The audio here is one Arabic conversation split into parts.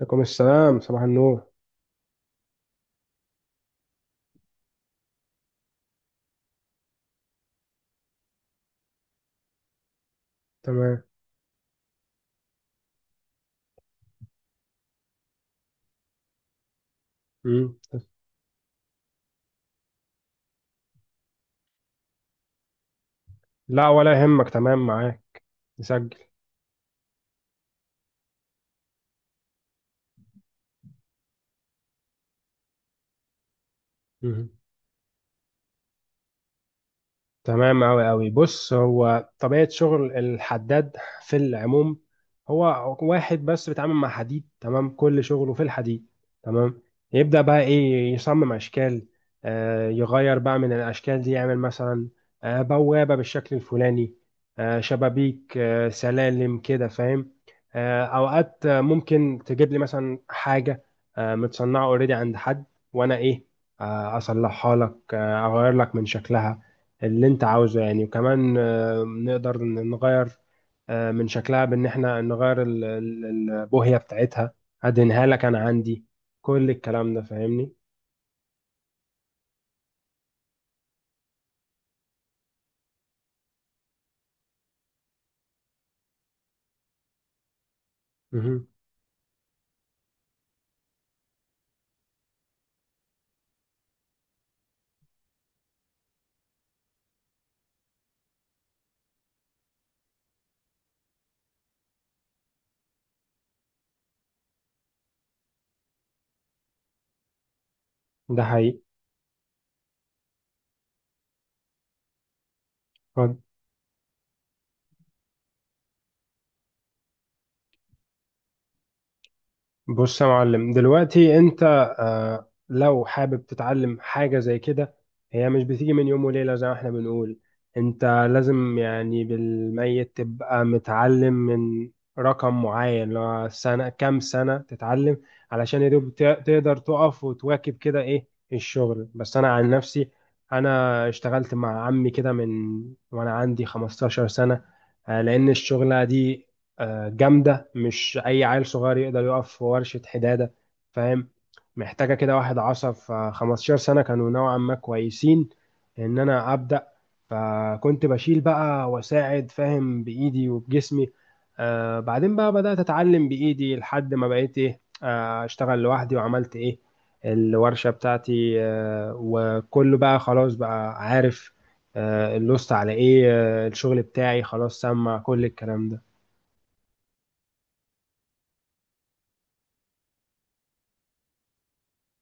عليكم السلام، صباح النور. تمام. مم. لا، ولا يهمك، تمام، معاك. نسجل. مم. تمام أوي أوي. بص، هو طبيعة شغل الحداد في العموم هو واحد بس بيتعامل مع حديد، تمام، كل شغله في الحديد، تمام. يبدأ بقى إيه، يصمم أشكال، يغير بقى من الأشكال دي، يعمل مثلا بوابة بالشكل الفلاني، شبابيك، سلالم، كده فاهم. أوقات ممكن تجيب لي مثلا حاجة متصنعة أوريدي عند حد، وأنا إيه، أصلحها لك، أغير لك من شكلها اللي انت عاوزه يعني. وكمان نقدر نغير من شكلها، بان احنا نغير البوهية بتاعتها، هدهنها لك، انا عندي كل الكلام ده، فاهمني. مهم. ده حقيقي. بص يا معلم، دلوقتي انت لو حابب تتعلم حاجة زي كده، هي مش بتيجي من يوم وليلة زي ما احنا بنقول. انت لازم يعني بالميت تبقى متعلم من رقم معين، اللي هو سنة، كام سنة تتعلم، علشان يا دوب تقدر تقف وتواكب كده ايه الشغل. بس انا عن نفسي، انا اشتغلت مع عمي كده من وانا عندي 15 سنة، لان الشغلة دي جامدة، مش أي عيل صغير يقدر يقف في ورشة حدادة، فاهم. محتاجة كده واحد عصب، فخمستاشر سنة كانوا نوعا ما كويسين إن أنا أبدأ. فكنت بشيل بقى وأساعد، فاهم، بإيدي وبجسمي. بعدين بقى بدأت أتعلم بإيدي لحد ما بقيت إيه أشتغل لوحدي، وعملت إيه، الورشة بتاعتي، وكله بقى خلاص، بقى عارف اللوست على إيه، الشغل بتاعي، خلاص سمع كل الكلام ده.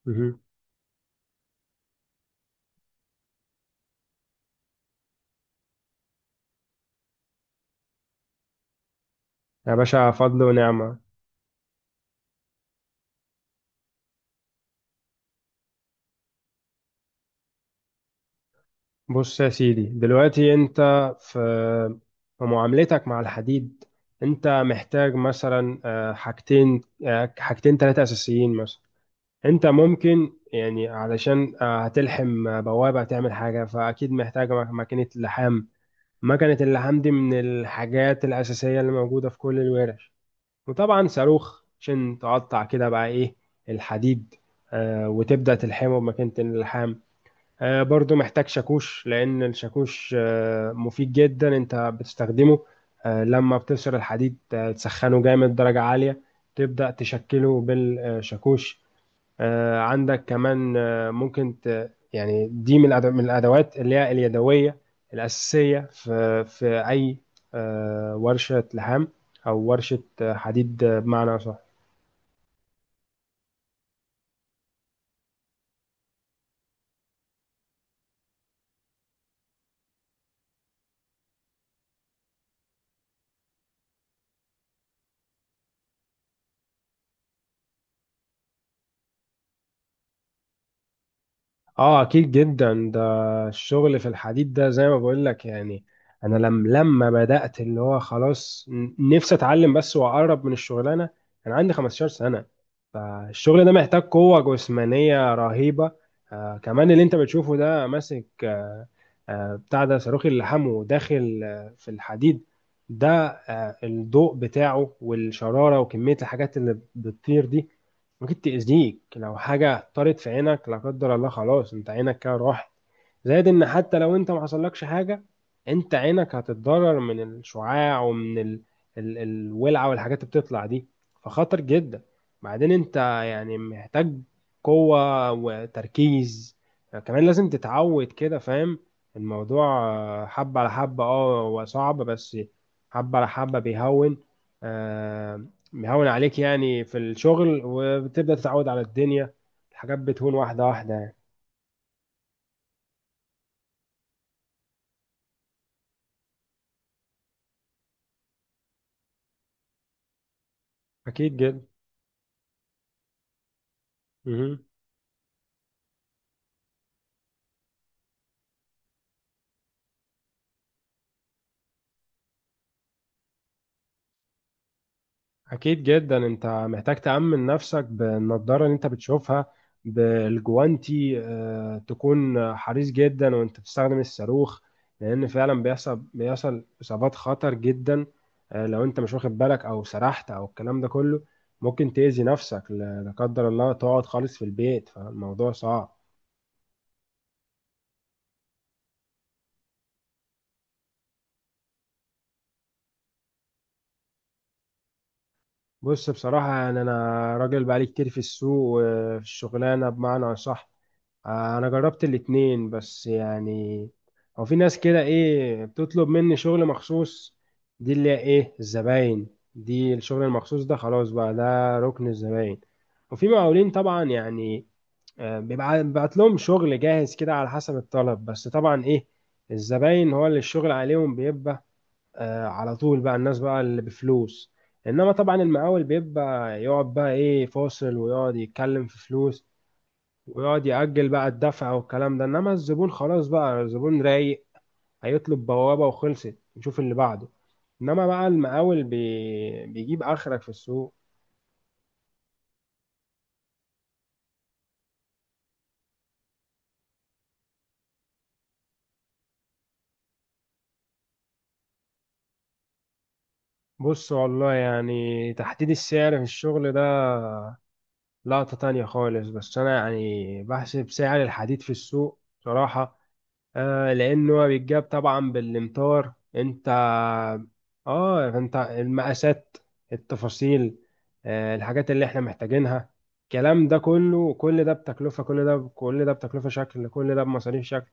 مهم. يا باشا، فضل ونعمة. بص يا سيدي، دلوقتي انت في في معاملتك مع الحديد، انت محتاج مثلا حاجتين حاجتين ثلاثة أساسيين مثلا. انت ممكن يعني، علشان هتلحم بوابة، تعمل حاجة، فأكيد محتاج ماكينة لحام. ماكينة اللحام دي من الحاجات الأساسية اللي موجودة في كل الورش. وطبعا صاروخ، عشان تقطع كده بقى ايه الحديد، وتبدأ تلحمه بماكينة اللحام. برضو محتاج شاكوش، لأن الشاكوش مفيد جدا. أنت بتستخدمه لما بتبشر الحديد، تسخنه جامد درجة عالية، تبدأ تشكله بالشاكوش. عندك كمان ممكن يعني دي من من الأدوات اللي هي اليدوية الأساسية في أي ورشة لحام، أو ورشة حديد بمعنى أصح. اه، اكيد جدا. ده الشغل في الحديد ده زي ما بقول لك يعني، انا لم لما بدأت، اللي هو خلاص نفسي اتعلم بس واقرب من الشغلانه، انا عندي 15 سنه. فالشغل ده محتاج قوه جسمانيه رهيبه. كمان اللي انت بتشوفه ده ماسك بتاع ده، صاروخ اللي حمو داخل في الحديد ده، الضوء بتاعه والشرارة وكمية الحاجات اللي بتطير دي ممكن تأذيك. لو حاجة طارت في عينك، لا قدر الله، خلاص انت عينك كده راحت. زائد ان حتى لو انت ما حصلكش حاجة، انت عينك هتتضرر من الشعاع، ومن الولعة والحاجات اللي بتطلع دي، فخطر جدا. بعدين انت يعني محتاج قوة وتركيز. كمان لازم تتعود، كده فاهم. الموضوع حبة على حبة، اه، هو صعب، بس حبة على حبة بيهون. آه، بيهون عليك يعني في الشغل، وبتبدأ تتعود على الدنيا، الحاجات بتهون واحدة واحدة يعني. أكيد جدا. مهم. أكيد جدا، أنت محتاج تأمن نفسك بالنضارة اللي أنت بتشوفها، بالجوانتي، تكون حريص جدا وأنت بتستخدم الصاروخ. لأن فعلا بيحصل إصابات خطر جدا، لو أنت مش واخد بالك، أو سرحت أو الكلام ده كله، ممكن تأذي نفسك، لا لا قدر الله، تقعد خالص في البيت. فالموضوع صعب. بص، بصراحة يعني أنا راجل بقالي كتير في السوق، وفي الشغلانة بمعنى أصح، انا جربت الاتنين. بس يعني هو في ناس كده ايه بتطلب مني شغل مخصوص، دي اللي هي ايه الزباين. دي الشغل المخصوص ده، خلاص بقى، ده ركن الزباين. وفي مقاولين طبعا يعني بيبعت لهم شغل جاهز كده على حسب الطلب. بس طبعا ايه، الزباين هو اللي الشغل عليهم بيبقى على طول بقى، الناس بقى اللي بفلوس. انما طبعا المقاول بيبقى يقعد بقى ايه فاصل، ويقعد يتكلم في فلوس، ويقعد يأجل بقى الدفع والكلام ده. انما الزبون، خلاص بقى، الزبون رايق، هيطلب بوابة وخلصت، نشوف اللي بعده. انما بقى المقاول بيجيب اخرك في السوق. بص والله، يعني تحديد السعر في الشغل ده لقطة تانية خالص. بس انا يعني بحسب سعر الحديد في السوق بصراحة، لأنه هو بيتجاب طبعا بالإمطار. أنت أنت المقاسات، التفاصيل، الحاجات اللي إحنا محتاجينها، الكلام ده كله، كل ده بتكلفة، كل ده كل ده بتكلفة شكل، كل ده بمصاريف شكل.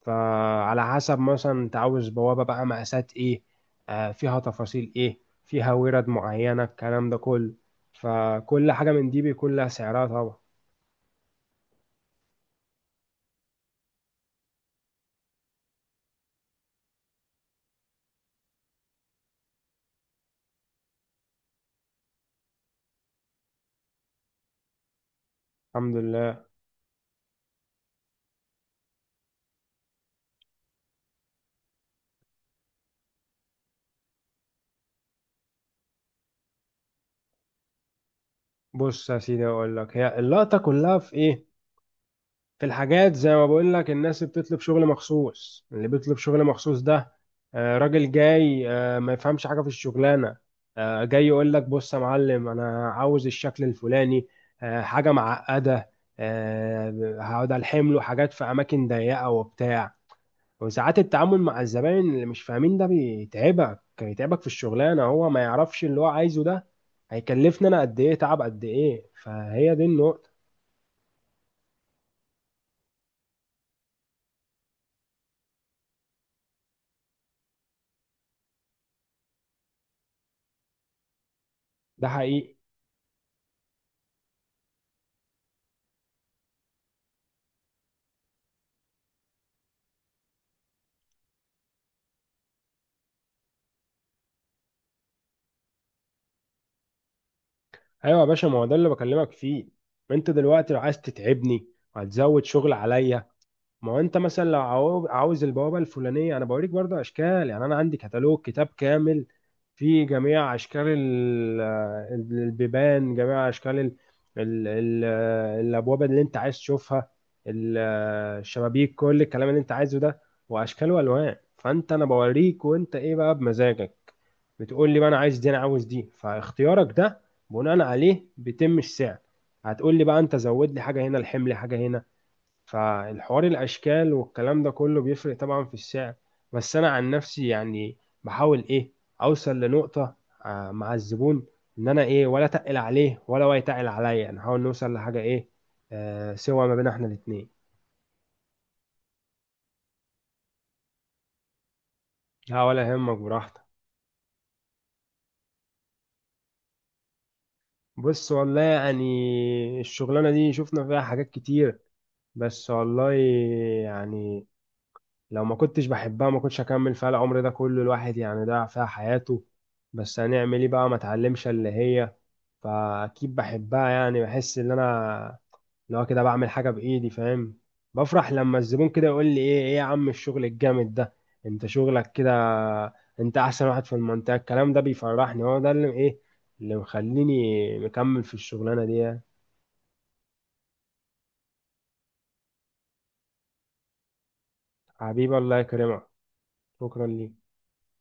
فعلى حسب، مثلا أنت عاوز بوابة بقى، مقاسات إيه، فيها تفاصيل إيه، فيها ورد معينة، الكلام ده كله، فكل حاجة من دي بيكون لها سعرها طبعا. الحمد لله. بص يا سيدي، أقول لك، هي اللقطة كلها في إيه، في الحاجات زي ما بقول لك، الناس اللي بتطلب شغل مخصوص، اللي بيطلب شغل مخصوص ده راجل جاي ما يفهمش حاجة في الشغلانة، جاي يقول لك بص يا معلم، انا عاوز الشكل الفلاني، حاجة معقدة، هقعد الحم له حاجات في اماكن ضيقة وبتاع. وساعات التعامل مع الزباين اللي مش فاهمين ده بيتعبك في الشغلانة. هو ما يعرفش اللي هو عايزه ده هيكلفني انا قد ايه تعب، قد ايه. فهي دي النقطة. ده حقيقي. ايوه يا باشا، ما هو ده اللي بكلمك فيه. ما انت دلوقتي لو عايز تتعبني، وهتزود شغل عليا، ما هو انت مثلا لو عاوز البوابه الفلانيه، انا بوريك برضه اشكال يعني. انا عندي كتالوج، كتاب كامل، فيه جميع اشكال البيبان، جميع اشكال ال ال ال الابواب اللي انت عايز تشوفها، ال- الشبابيك، كل الكلام اللي انت عايزه ده، واشكال والوان. فانت انا بوريك، وانت ايه بقى، بمزاجك، بتقول لي بقى انا عايز دي، انا عاوز دي، فاختيارك ده بناء عليه بيتم السعر. هتقول لي بقى انت، زود لي حاجه هنا، الحمل حاجه هنا، فالحوار الاشكال والكلام ده كله بيفرق طبعا في السعر. بس انا عن نفسي يعني بحاول ايه، اوصل لنقطه مع الزبون، ان انا ايه، ولا تقل عليه، ولا هو يتقل عليا، انا حاول نوصل لحاجه ايه سوا ما بين احنا الاتنين. لا، ولا يهمك، براحتك. بص والله، يعني الشغلانه دي شفنا فيها حاجات كتير، بس والله يعني لو ما كنتش بحبها، ما كنتش هكمل فيها العمر ده كله، الواحد يعني ضيع فيها حياته. بس هنعمل ايه بقى، ما اتعلمش اللي هي. فاكيد بحبها، يعني بحس ان انا لو كده بعمل حاجة بايدي، فاهم، بفرح لما الزبون كده يقول لي ايه، ايه يا عم الشغل الجامد ده، انت شغلك كده، انت احسن واحد في المنطقة. الكلام ده بيفرحني، هو ده اللي ايه اللي مخليني مكمل في الشغلانة دي يعني. حبيبي، الله يكرمك. شكرا ليك.